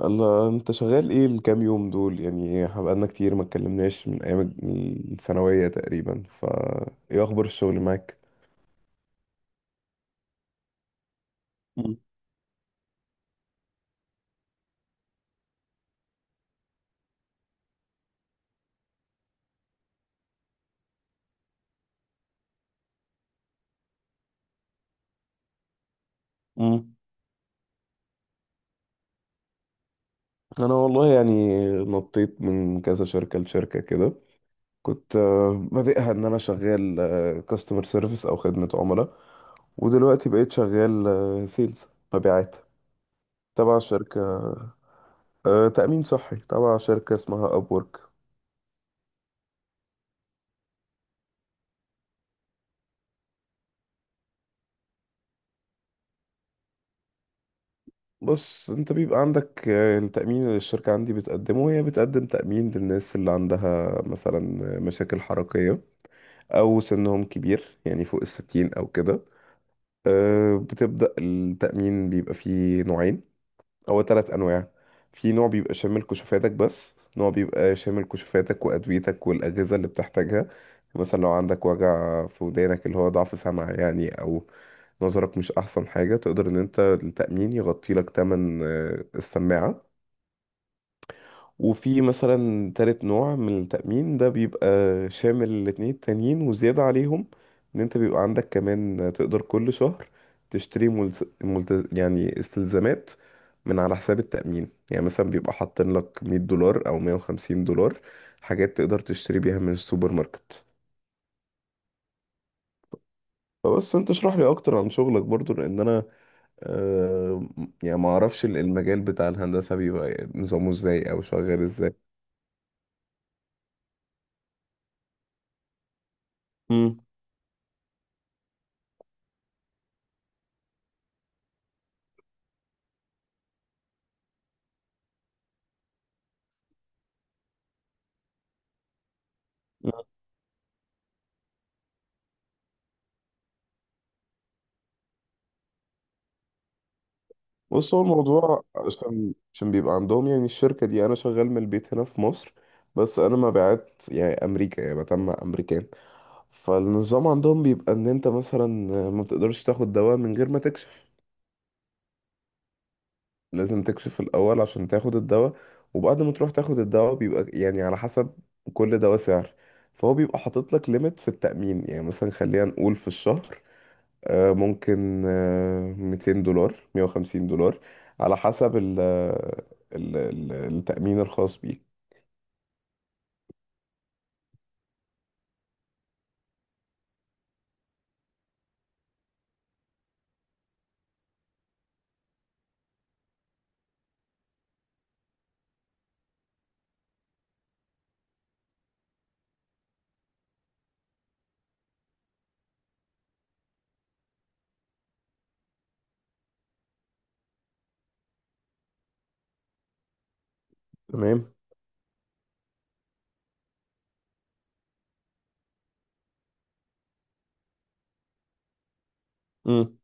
الله، انت شغال ايه الكام يوم دول؟ يعني بقالنا كتير ما اتكلمناش من ايام الثانوية تقريبا. ايه اخبار الشغل معاك؟ مم. مم. انا والله يعني نطيت من كذا شركة لشركة كده. كنت بادئها ان انا شغال كاستمر سيرفيس او خدمة عملاء، ودلوقتي بقيت شغال سيلز، مبيعات تبع شركة تأمين صحي تبع شركة اسمها ابورك. بص، انت بيبقى عندك التأمين اللي الشركة عندي بتقدمه، هي بتقدم تأمين للناس اللي عندها مثلا مشاكل حركية أو سنهم كبير يعني فوق 60 أو كده. بتبدأ التأمين، بيبقى فيه نوعين، هو تلات انواع. في نوع بيبقى شامل كشوفاتك بس، نوع بيبقى شامل كشوفاتك وادويتك والاجهزه اللي بتحتاجها. مثلا لو عندك وجع في ودانك اللي هو ضعف سمع يعني، او نظرك مش احسن حاجه، تقدر ان انت التامين يغطي لك تمن السماعه. وفي مثلا تالت نوع من التأمين ده بيبقى شامل الاتنين التانيين وزيادة عليهم، ان انت بيبقى عندك كمان تقدر كل شهر تشتري يعني استلزامات من على حساب التأمين. يعني مثلا بيبقى حاطين لك $100 او $150، حاجات تقدر تشتري بيها من السوبر ماركت. فبس انت اشرح لي اكتر عن شغلك برضو، لان انا آه يعني ما اعرفش المجال بتاع الهندسة بيبقى نظامه ازاي او شغال ازاي. بص، هو الموضوع عشان بيبقى عندهم، يعني الشركة دي أنا شغال من البيت هنا في مصر، بس أنا مبيعات يعني أمريكا، يعني بتم أمريكان. فالنظام عندهم بيبقى إن أنت مثلا ما بتقدرش تاخد دواء من غير ما تكشف. لازم تكشف الأول عشان تاخد الدواء. وبعد ما تروح تاخد الدواء بيبقى يعني على حسب كل دواء سعر. فهو بيبقى حاطط لك ليميت في التأمين، يعني مثلا خلينا نقول في الشهر ممكن $200، $150، على حسب التأمين الخاص بيك. تمام. مم.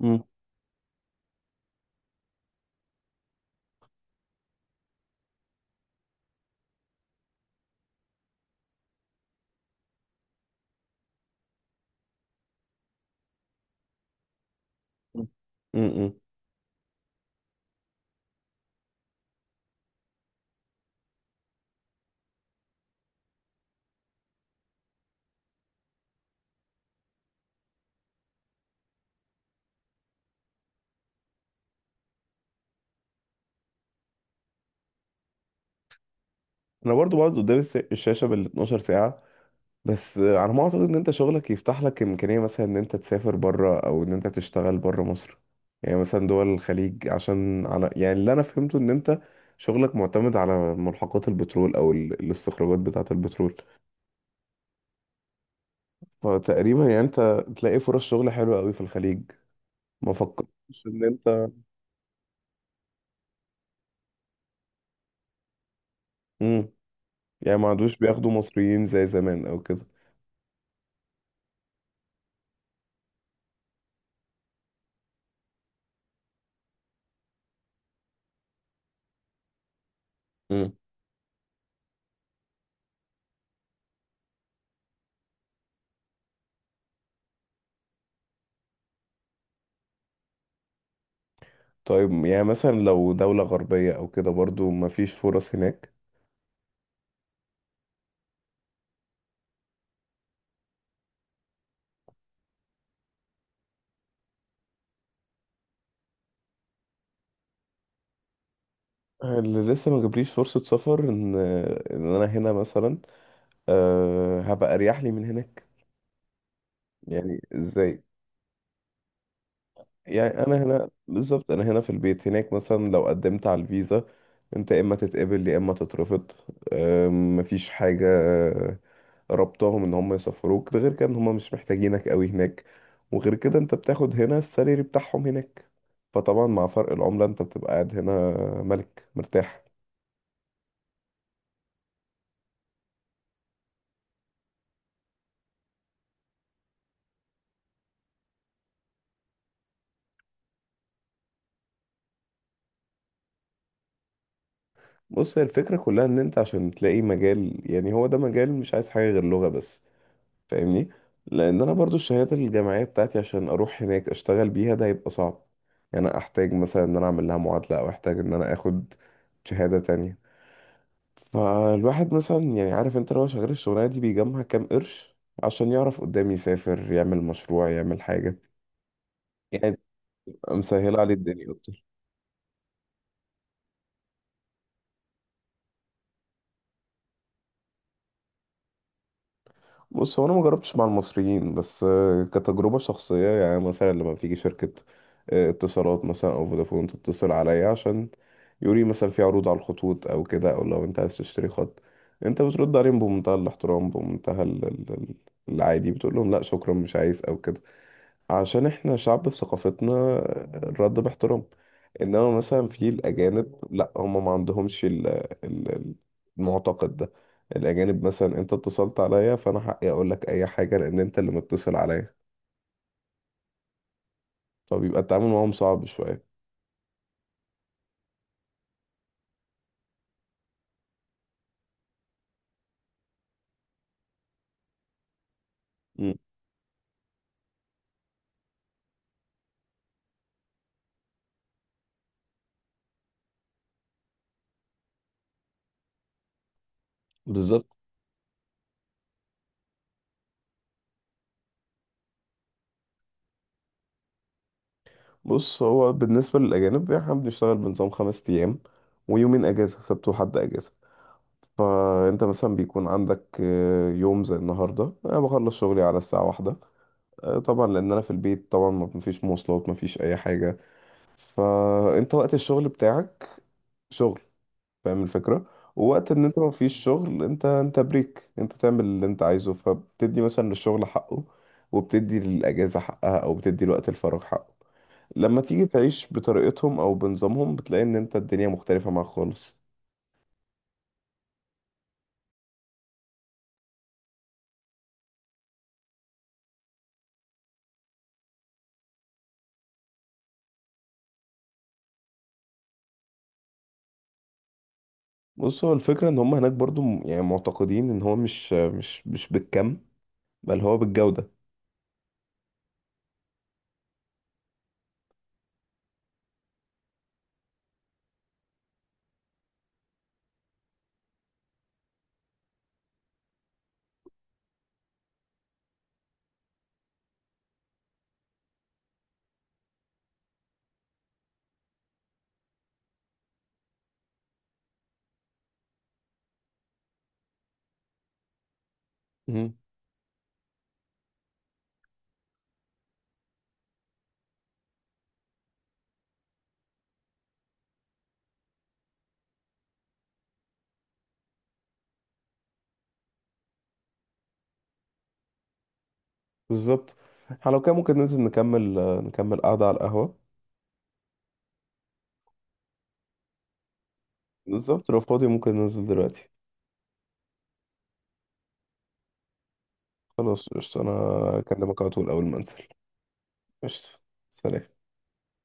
مم. مم. مم. انا برضو بقعد قدام الشاشة بال 12 ساعة. بس على ما اعتقد ان انت شغلك يفتح لك امكانية مثلا ان انت تسافر بره، او ان انت تشتغل بره مصر. يعني مثلا دول الخليج، عشان على يعني اللي انا فهمته ان انت شغلك معتمد على ملحقات البترول او الاستخراجات بتاعة البترول. فتقريبا يعني انت تلاقي فرص شغل حلوة قوي في الخليج. ما فكرتش ان انت امم يعني ما عادوش بياخدوا مصريين زي زمان او كده؟ امم طيب، يعني مثلا لو دولة غربية او كده، برضو ما فيش فرص هناك؟ اللي لسه ما جابليش فرصة سفر ان انا هنا مثلا، أه هبقى اريح لي من هناك. يعني ازاي؟ يعني انا هنا بالظبط، انا هنا في البيت. هناك مثلا لو قدمت على الفيزا، انت يا اما تتقبل يا اما تترفض. مفيش حاجه ربطهم ان هم يسفروك. ده غير كده، ان هم مش محتاجينك قوي هناك. وغير كده انت بتاخد هنا السالري بتاعهم هناك. فطبعا مع فرق العمله، انت بتبقى قاعد هنا ملك مرتاح. بص، هي الفكره كلها ان انت عشان تلاقي مجال، يعني هو ده مجال مش عايز حاجه غير لغه بس. فاهمني؟ لان انا برضو الشهادات الجامعيه بتاعتي عشان اروح هناك اشتغل بيها، ده هيبقى صعب. يعني انا احتاج مثلا ان انا اعمل لها معادله، او احتاج ان انا اخد شهاده تانية. فالواحد مثلا يعني عارف، انت لو شغال الشغلانه دي بيجمع كام قرش عشان يعرف قدام يسافر يعمل مشروع يعمل حاجه، يعني تبقى مسهله عليه الدنيا. بص، هو انا ما جربتش مع المصريين، بس كتجربه شخصيه، يعني مثلا لما بتيجي شركه اتصالات مثلا او فودافون تتصل عليا عشان يوري مثلا في عروض على الخطوط او كده، او لو انت عايز تشتري خط، انت بترد عليهم بمنتهى الاحترام، بمنتهى العادي، بتقول لهم لا شكرا مش عايز او كده. عشان احنا شعب في ثقافتنا الرد باحترام. انما مثلا في الاجانب لا، هم ما عندهمش ال- المعتقد ده. الأجانب مثلا، أنت اتصلت عليا فأنا حقي أقول لك أي حاجة لأن أنت اللي متصل عليا. فبيبقى التعامل معاهم صعب شوية. مم. بالظبط. بص، هو بالنسبة للأجانب يعني إحنا بنشتغل بنظام 5 أيام، ويومين أجازة، سبت وحد أجازة. فأنت مثلا بيكون عندك يوم زي النهاردة، أنا بخلص شغلي على الساعة 1 طبعا لأن أنا في البيت، طبعا مفيش مواصلات، مفيش أي حاجة. فأنت وقت الشغل بتاعك شغل، فاهم الفكرة؟ ووقت ان انت ما فيش شغل، انت بريك، انت تعمل اللي انت عايزه. فبتدي مثلا للشغل حقه، وبتدي للاجازة حقها، او بتدي لوقت الفراغ حقه. لما تيجي تعيش بطريقتهم او بنظامهم، بتلاقي ان انت الدنيا مختلفة معاك خالص. بص، هو الفكرة ان هم هناك برضو يعني معتقدين ان هو مش بالكم، بل هو بالجودة. مهم. بالظبط. احنا لو كان ممكن ننزل نكمل، قعدة على القهوة. بالظبط، لو فاضي ممكن ننزل دلوقتي. خلاص قشطة، انا اكلمك على طول اول ما انزل. قشطة. سلام.